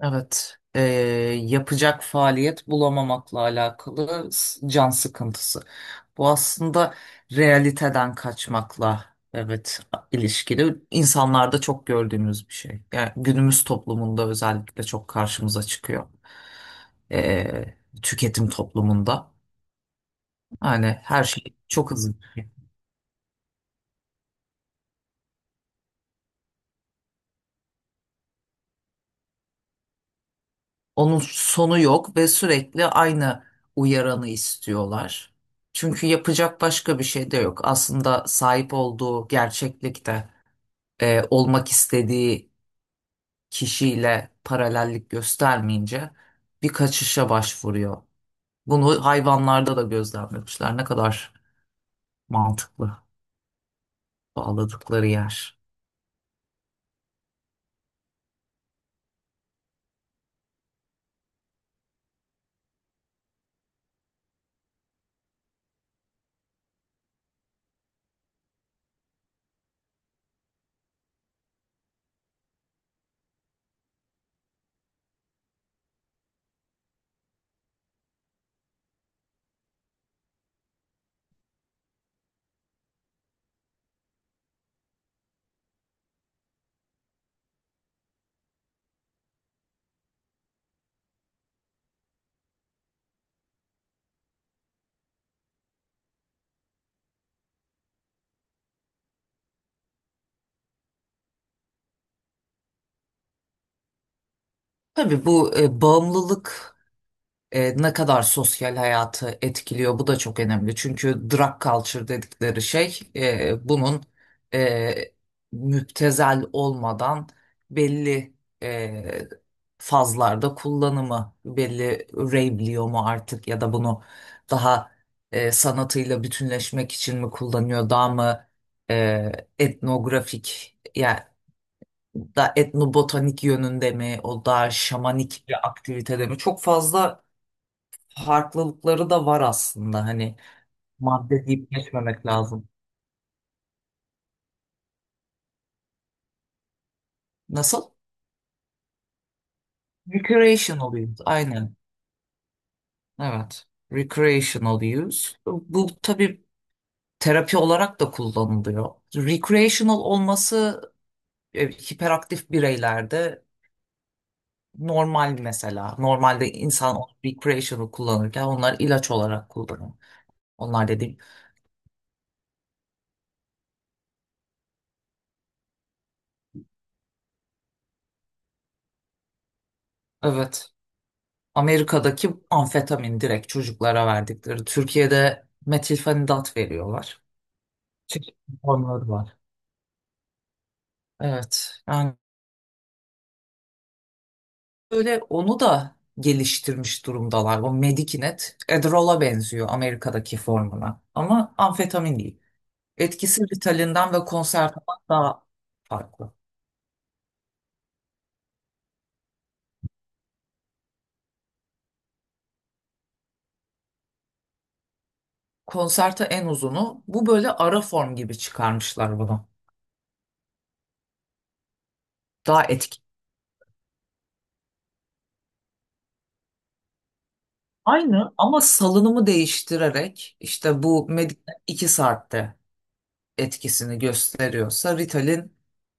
Evet, yapacak faaliyet bulamamakla alakalı can sıkıntısı. Bu aslında realiteden kaçmakla, evet, ilişkili. İnsanlarda çok gördüğümüz bir şey. Yani günümüz toplumunda özellikle çok karşımıza çıkıyor. Eee, Tüketim toplumunda. Yani her şey çok hızlı. Onun sonu yok ve sürekli aynı uyaranı istiyorlar. Çünkü yapacak başka bir şey de yok. Aslında sahip olduğu gerçeklikte olmak istediği kişiyle paralellik göstermeyince bir kaçışa başvuruyor. Bunu hayvanlarda da gözlemlemişler. Ne kadar mantıklı bağladıkları yer. Tabii bu bağımlılık ne kadar sosyal hayatı etkiliyor, bu da çok önemli. Çünkü drug culture dedikleri şey, bunun e, müptezel olmadan belli e, fazlarda kullanımı, belli rave'liyor mu artık, ya da bunu daha sanatıyla bütünleşmek için mi kullanıyor, daha mı e, etnografik, yani da etnobotanik yönünde mi, o daha şamanik bir aktivitede mi, çok fazla farklılıkları da var aslında. Hani madde deyip geçmemek lazım. Nasıl? Recreational use. Aynen. Evet. Recreational use. Bu tabii terapi olarak da kullanılıyor. Recreational olması hiperaktif bireylerde normal mesela. Normalde insan recreational kullanırken onlar ilaç olarak kullanıyor. Onlar dediğim. Evet. Amerika'daki amfetamin direkt çocuklara verdikleri. Türkiye'de metilfenidat veriyorlar. Çeşitli formları var. Evet. Yani böyle onu da geliştirmiş durumdalar. O Medikinet Adderall'a benziyor, Amerika'daki formuna. Ama amfetamin değil. Etkisi Ritalin'den ve Concerta'dan daha farklı. Concerta en uzunu. Bu böyle ara form gibi çıkarmışlar bunu. Daha etkili. Aynı, ama salınımı değiştirerek işte bu Medikinet 2 saatte etkisini gösteriyorsa, Ritalin,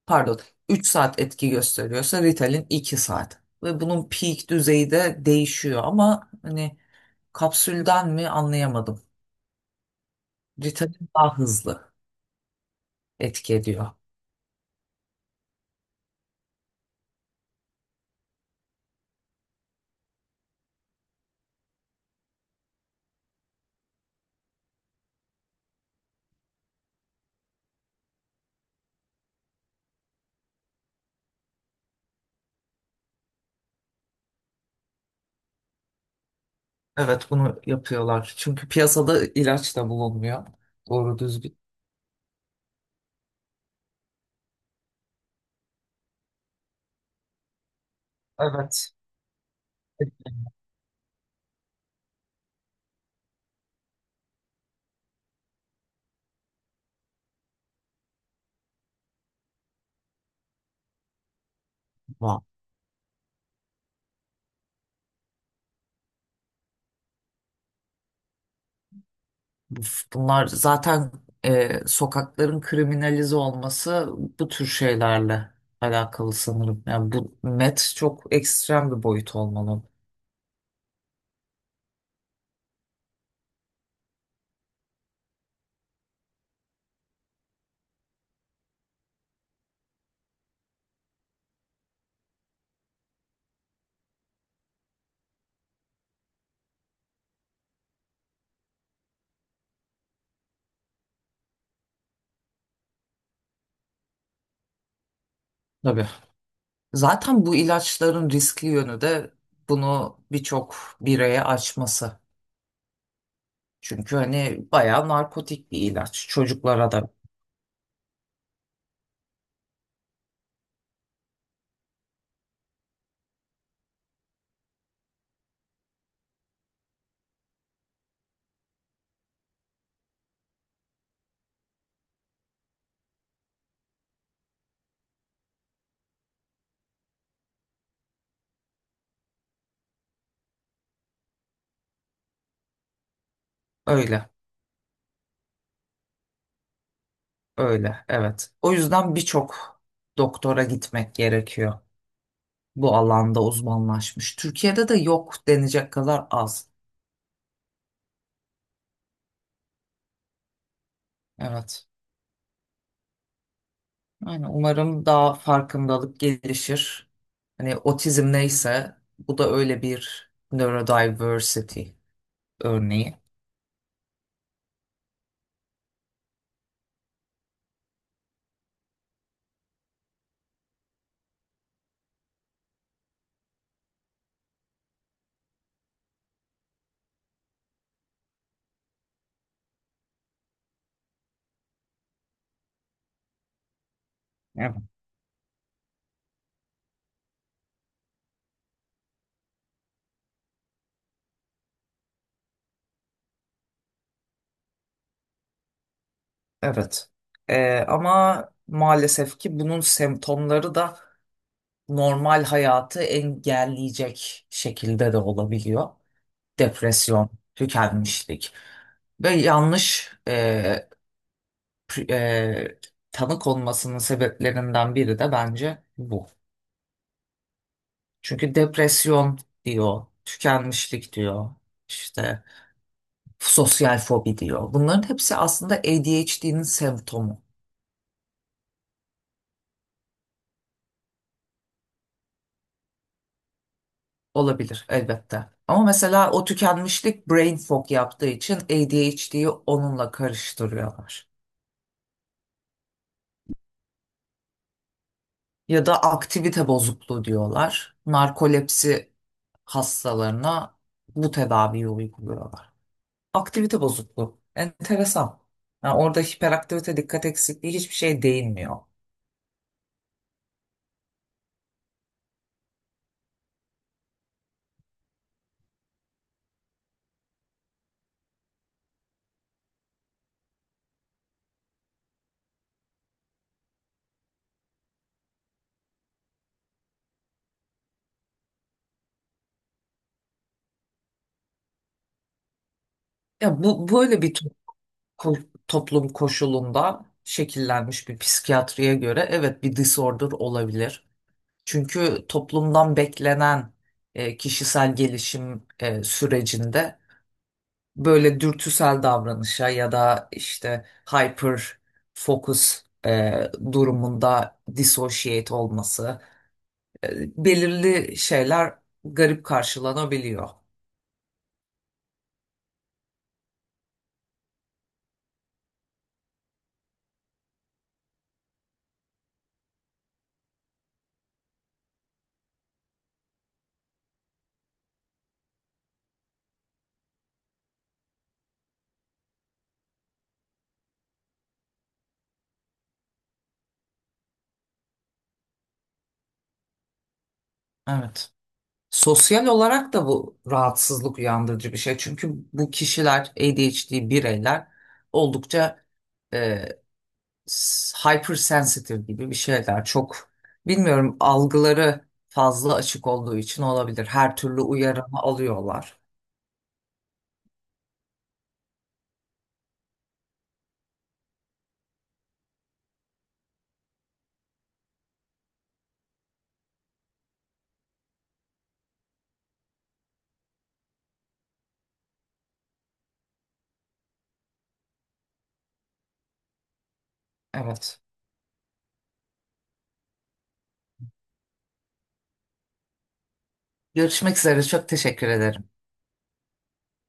pardon, 3 saat etki gösteriyorsa Ritalin 2 saat. Ve bunun peak düzeyi de değişiyor, ama hani kapsülden mi anlayamadım. Ritalin daha hızlı etki ediyor. Evet, bunu yapıyorlar. Çünkü piyasada ilaç da bulunmuyor. Doğru düzgün. Evet. Var. Bunlar zaten, sokakların kriminalize olması bu tür şeylerle alakalı sanırım. Yani bu met çok ekstrem bir boyut olmalı. Tabii. Zaten bu ilaçların riskli yönü de bunu birçok bireye açması. Çünkü hani bayağı narkotik bir ilaç. Çocuklara da öyle, öyle, evet. O yüzden birçok doktora gitmek gerekiyor. Bu alanda uzmanlaşmış. Türkiye'de de yok denecek kadar az. Evet. Yani umarım daha farkındalık gelişir. Hani otizm neyse, bu da öyle bir neurodiversity örneği. Evet. Evet. Ama maalesef ki bunun semptomları da normal hayatı engelleyecek şekilde de olabiliyor. Depresyon, tükenmişlik ve yanlış pri- e, tanı konmasının sebeplerinden biri de bence bu. Çünkü depresyon diyor, tükenmişlik diyor, işte sosyal fobi diyor. Bunların hepsi aslında ADHD'nin semptomu olabilir elbette. Ama mesela o tükenmişlik brain fog yaptığı için ADHD'yi onunla karıştırıyorlar. Ya da aktivite bozukluğu diyorlar. Narkolepsi hastalarına bu tedaviyi uyguluyorlar. Aktivite bozukluğu. Enteresan. Yani orada hiperaktivite, dikkat eksikliği, hiçbir şey değinmiyor. Ya bu böyle bir to- ko- Toplum koşulunda şekillenmiş bir psikiyatriye göre evet bir disorder olabilir. Çünkü toplumdan beklenen kişisel gelişim sürecinde böyle dürtüsel davranışa ya da işte hyper focus durumunda dissociate olması, e, belirli şeyler garip karşılanabiliyor. Evet. Sosyal olarak da bu rahatsızlık uyandırıcı bir şey. Çünkü bu kişiler, ADHD bireyler, oldukça e, hypersensitive gibi bir şeyler. Çok bilmiyorum, algıları fazla açık olduğu için olabilir. Her türlü uyarımı alıyorlar. Evet. Görüşmek üzere. Çok teşekkür ederim.